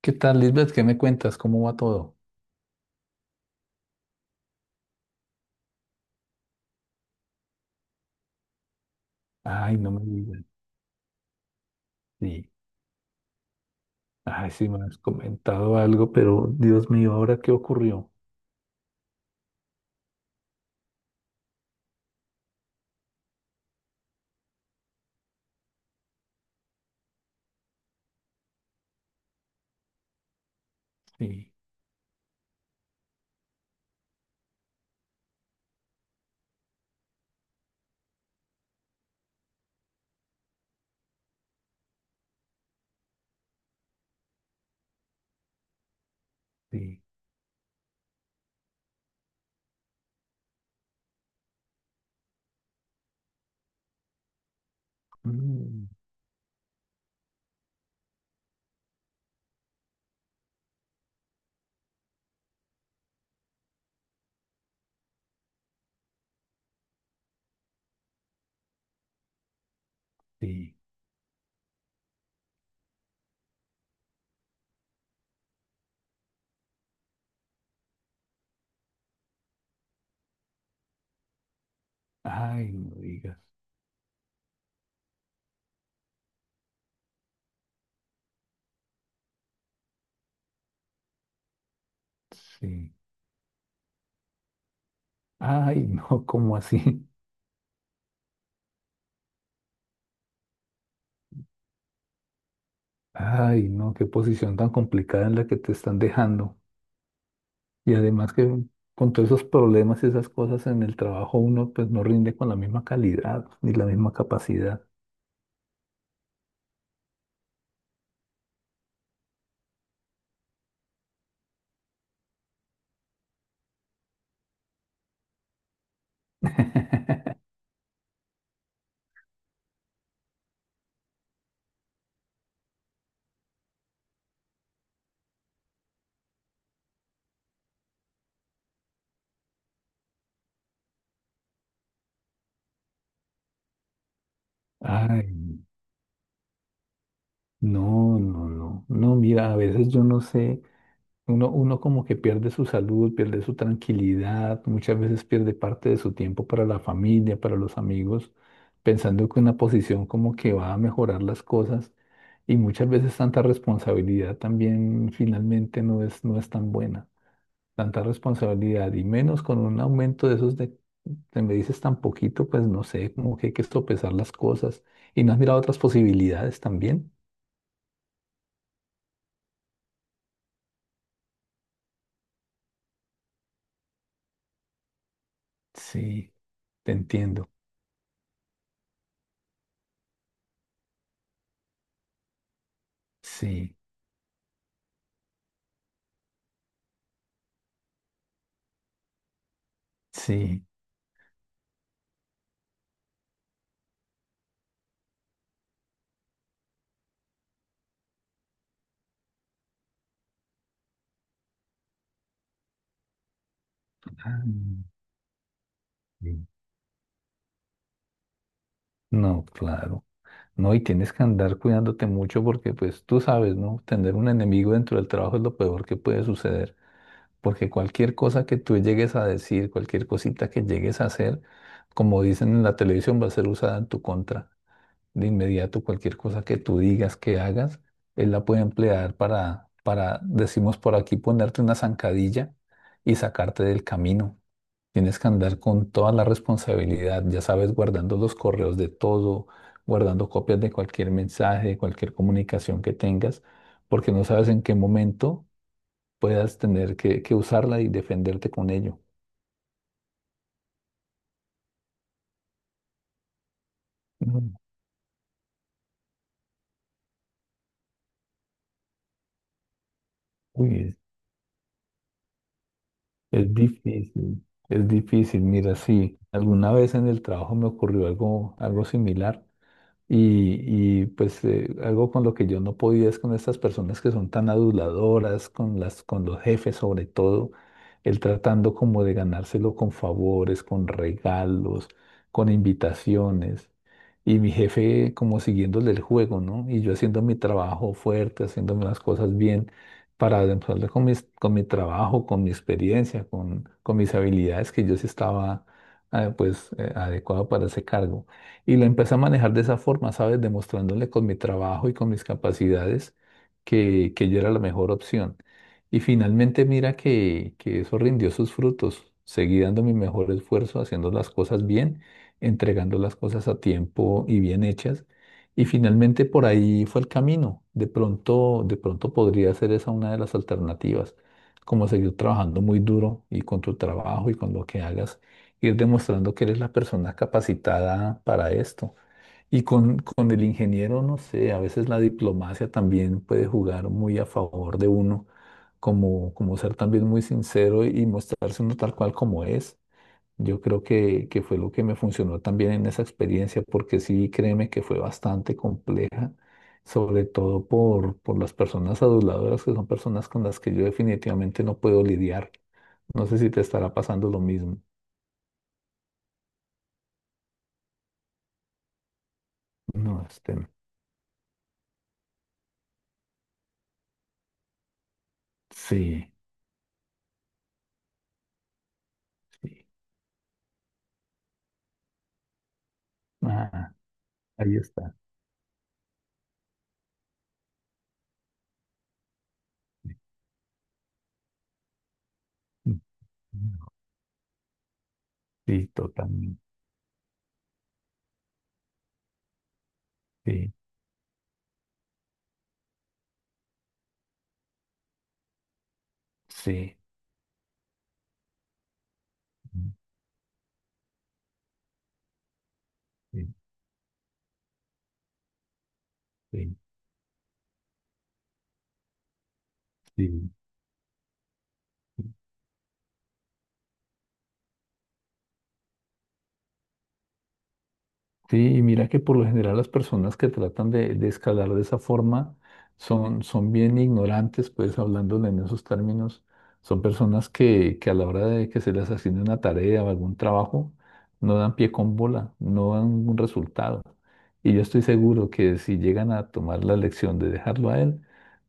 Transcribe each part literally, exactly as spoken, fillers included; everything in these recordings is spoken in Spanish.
¿Qué tal, Lisbeth? ¿Qué me cuentas? ¿Cómo va todo? Ay, no me digas. Sí. Ay, sí me has comentado algo, pero Dios mío, ¿ahora qué ocurrió? Sí, sí. Mm, sí. Ay, no digas. Sí. Ay, no, ¿cómo así? Ay, no, qué posición tan complicada en la que te están dejando. Y además que con todos esos problemas y esas cosas en el trabajo, uno pues no rinde con la misma calidad ni la misma capacidad. Ay. No. No, no, no. No, mira, a veces yo no sé, uno, uno como que pierde su salud, pierde su tranquilidad, muchas veces pierde parte de su tiempo para la familia, para los amigos, pensando que una posición como que va a mejorar las cosas y muchas veces tanta responsabilidad también finalmente no es, no es tan buena. Tanta responsabilidad y menos con un aumento de esos de, que me dices tan poquito, pues no sé, como que hay que sopesar las cosas y no has mirado otras posibilidades también. Sí, te entiendo. Sí, sí. Ah, sí. No, claro. No, y tienes que andar cuidándote mucho porque, pues, tú sabes, ¿no? Tener un enemigo dentro del trabajo es lo peor que puede suceder. Porque cualquier cosa que tú llegues a decir, cualquier cosita que llegues a hacer, como dicen en la televisión, va a ser usada en tu contra. De inmediato, cualquier cosa que tú digas, que hagas, él la puede emplear para, para, decimos por aquí, ponerte una zancadilla y sacarte del camino. Tienes que andar con toda la responsabilidad, ya sabes, guardando los correos de todo, guardando copias de cualquier mensaje, de cualquier comunicación que tengas, porque no sabes en qué momento puedas tener que, que usarla y defenderte con ello. Mm. Uy, es, es difícil, es difícil. Mira, sí, alguna vez en el trabajo me ocurrió algo, algo similar. Y, y, pues eh, algo con lo que yo no podía es con estas personas que son tan aduladoras, con las, con los jefes sobre todo, el tratando como de ganárselo con favores, con regalos, con invitaciones. Y mi jefe como siguiéndole el juego, ¿no? Y yo haciendo mi trabajo fuerte, haciéndome las cosas bien para demostrarle con mis- con mi trabajo, con mi experiencia, con, con mis habilidades que yo sí estaba eh, pues eh, adecuado para ese cargo. Y la empecé a manejar de esa forma, ¿sabes? Demostrándole con mi trabajo y con mis capacidades que, que yo era la mejor opción. Y finalmente mira que, que eso rindió sus frutos. Seguí dando mi mejor esfuerzo, haciendo las cosas bien, entregando las cosas a tiempo y bien hechas. Y finalmente por ahí fue el camino. De pronto, de pronto podría ser esa una de las alternativas, como seguir trabajando muy duro y con tu trabajo y con lo que hagas ir demostrando que eres la persona capacitada para esto. Y con, con el ingeniero, no sé, a veces la diplomacia también puede jugar muy a favor de uno, como, como ser también muy sincero y mostrarse uno tal cual como es. Yo creo que, que fue lo que me funcionó también en esa experiencia, porque sí, créeme que fue bastante compleja, sobre todo por, por las personas aduladoras, que son personas con las que yo definitivamente no puedo lidiar. No sé si te estará pasando lo mismo. No, este. Sí, sí. Ah, ahí está. Ujú. Sí, totalmente. Sí, sí, sí, sí, sí. Sí, y mira que por lo general las personas que tratan de, de escalar de esa forma son, son bien ignorantes, pues hablándole en esos términos, son personas que, que a la hora de que se les asigne una tarea o algún trabajo, no dan pie con bola, no dan un resultado. Y yo estoy seguro que si llegan a tomar la lección de dejarlo a él,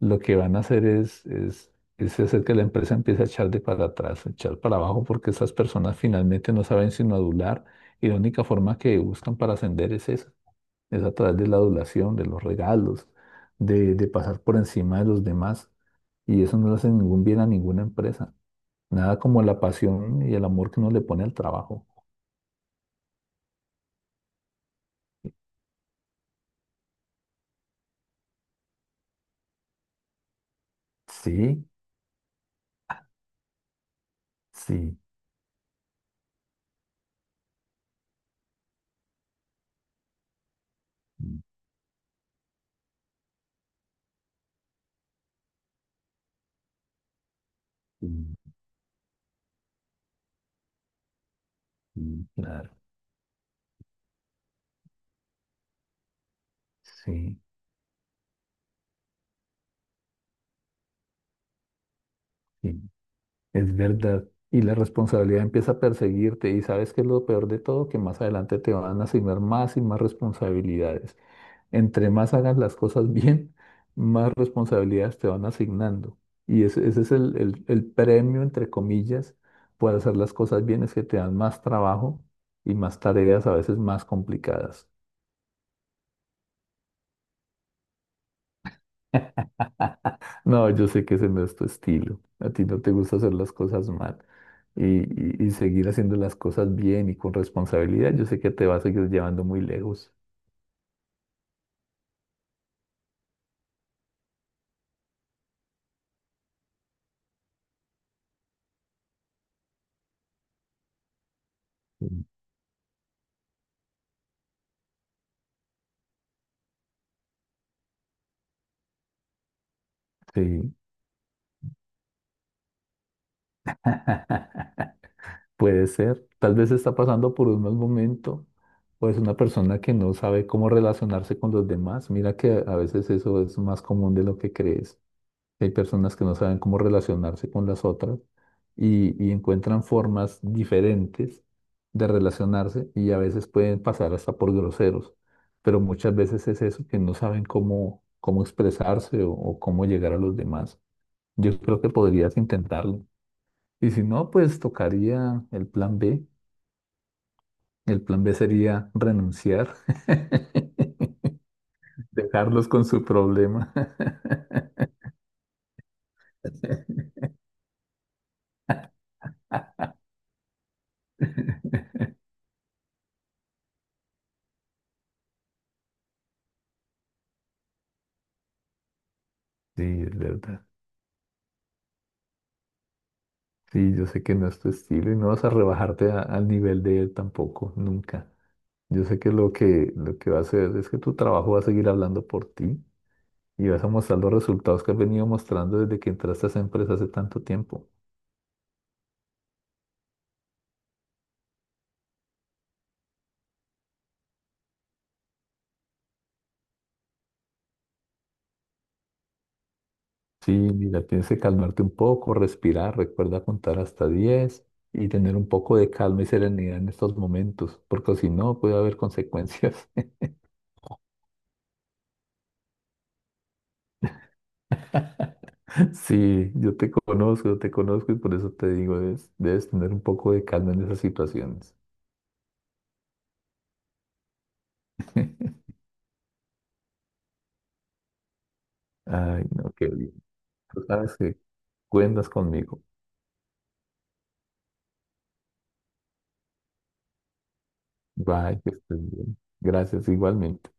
lo que van a hacer es, es, es hacer que la empresa empiece a echar de para atrás, a echar para abajo, porque esas personas finalmente no saben sino adular y la única forma que buscan para ascender es esa, es a través de la adulación, de los regalos, de, de pasar por encima de los demás. Y eso no le hace ningún bien a ninguna empresa. Nada como la pasión y el amor que uno le pone al trabajo. Sí, sí. Mm, mm. Claro, sí, sí, es verdad. Y la responsabilidad empieza a perseguirte y sabes que es lo peor de todo, que más adelante te van a asignar más y más responsabilidades. Entre más hagas las cosas bien, más responsabilidades te van asignando. Y ese, ese es el, el- el premio, entre comillas, por hacer las cosas bien, es que te dan más trabajo y más tareas a veces más complicadas. No, yo sé que ese no es tu estilo. A ti no te gusta hacer las cosas mal y, y y seguir haciendo las cosas bien y con responsabilidad. Yo sé que te va a seguir llevando muy lejos. Sí. Sí. Puede ser, tal vez está pasando por un mal momento o es una persona que no sabe cómo relacionarse con los demás. Mira que a veces eso es más común de lo que crees. Hay personas que no saben cómo relacionarse con las otras y, y encuentran formas diferentes de relacionarse y a veces pueden pasar hasta por groseros, pero muchas veces es eso, que no saben cómo, cómo expresarse o o cómo llegar a los demás. Yo creo que podrías intentarlo. Y si no, pues tocaría el plan B. El plan B sería renunciar, dejarlos con su problema. Sí, es verdad. Sí, yo sé que no es tu estilo y no vas a rebajarte a- al nivel de él tampoco, nunca. Yo sé que lo que, lo que va a hacer es que tu trabajo va a seguir hablando por ti y vas a mostrar los resultados que has venido mostrando desde que entraste a esa empresa hace tanto tiempo. Sí, mira, tienes que calmarte un poco, respirar, recuerda contar hasta diez y tener un poco de calma y serenidad en estos momentos, porque si no puede haber consecuencias. Sí, yo te conozco, yo te conozco y por eso te digo, debes, debes tener un poco de calma en esas situaciones. Ay, no, qué bien. Tú sabes que cuentas conmigo. Bye, que estés bien. Gracias, igualmente.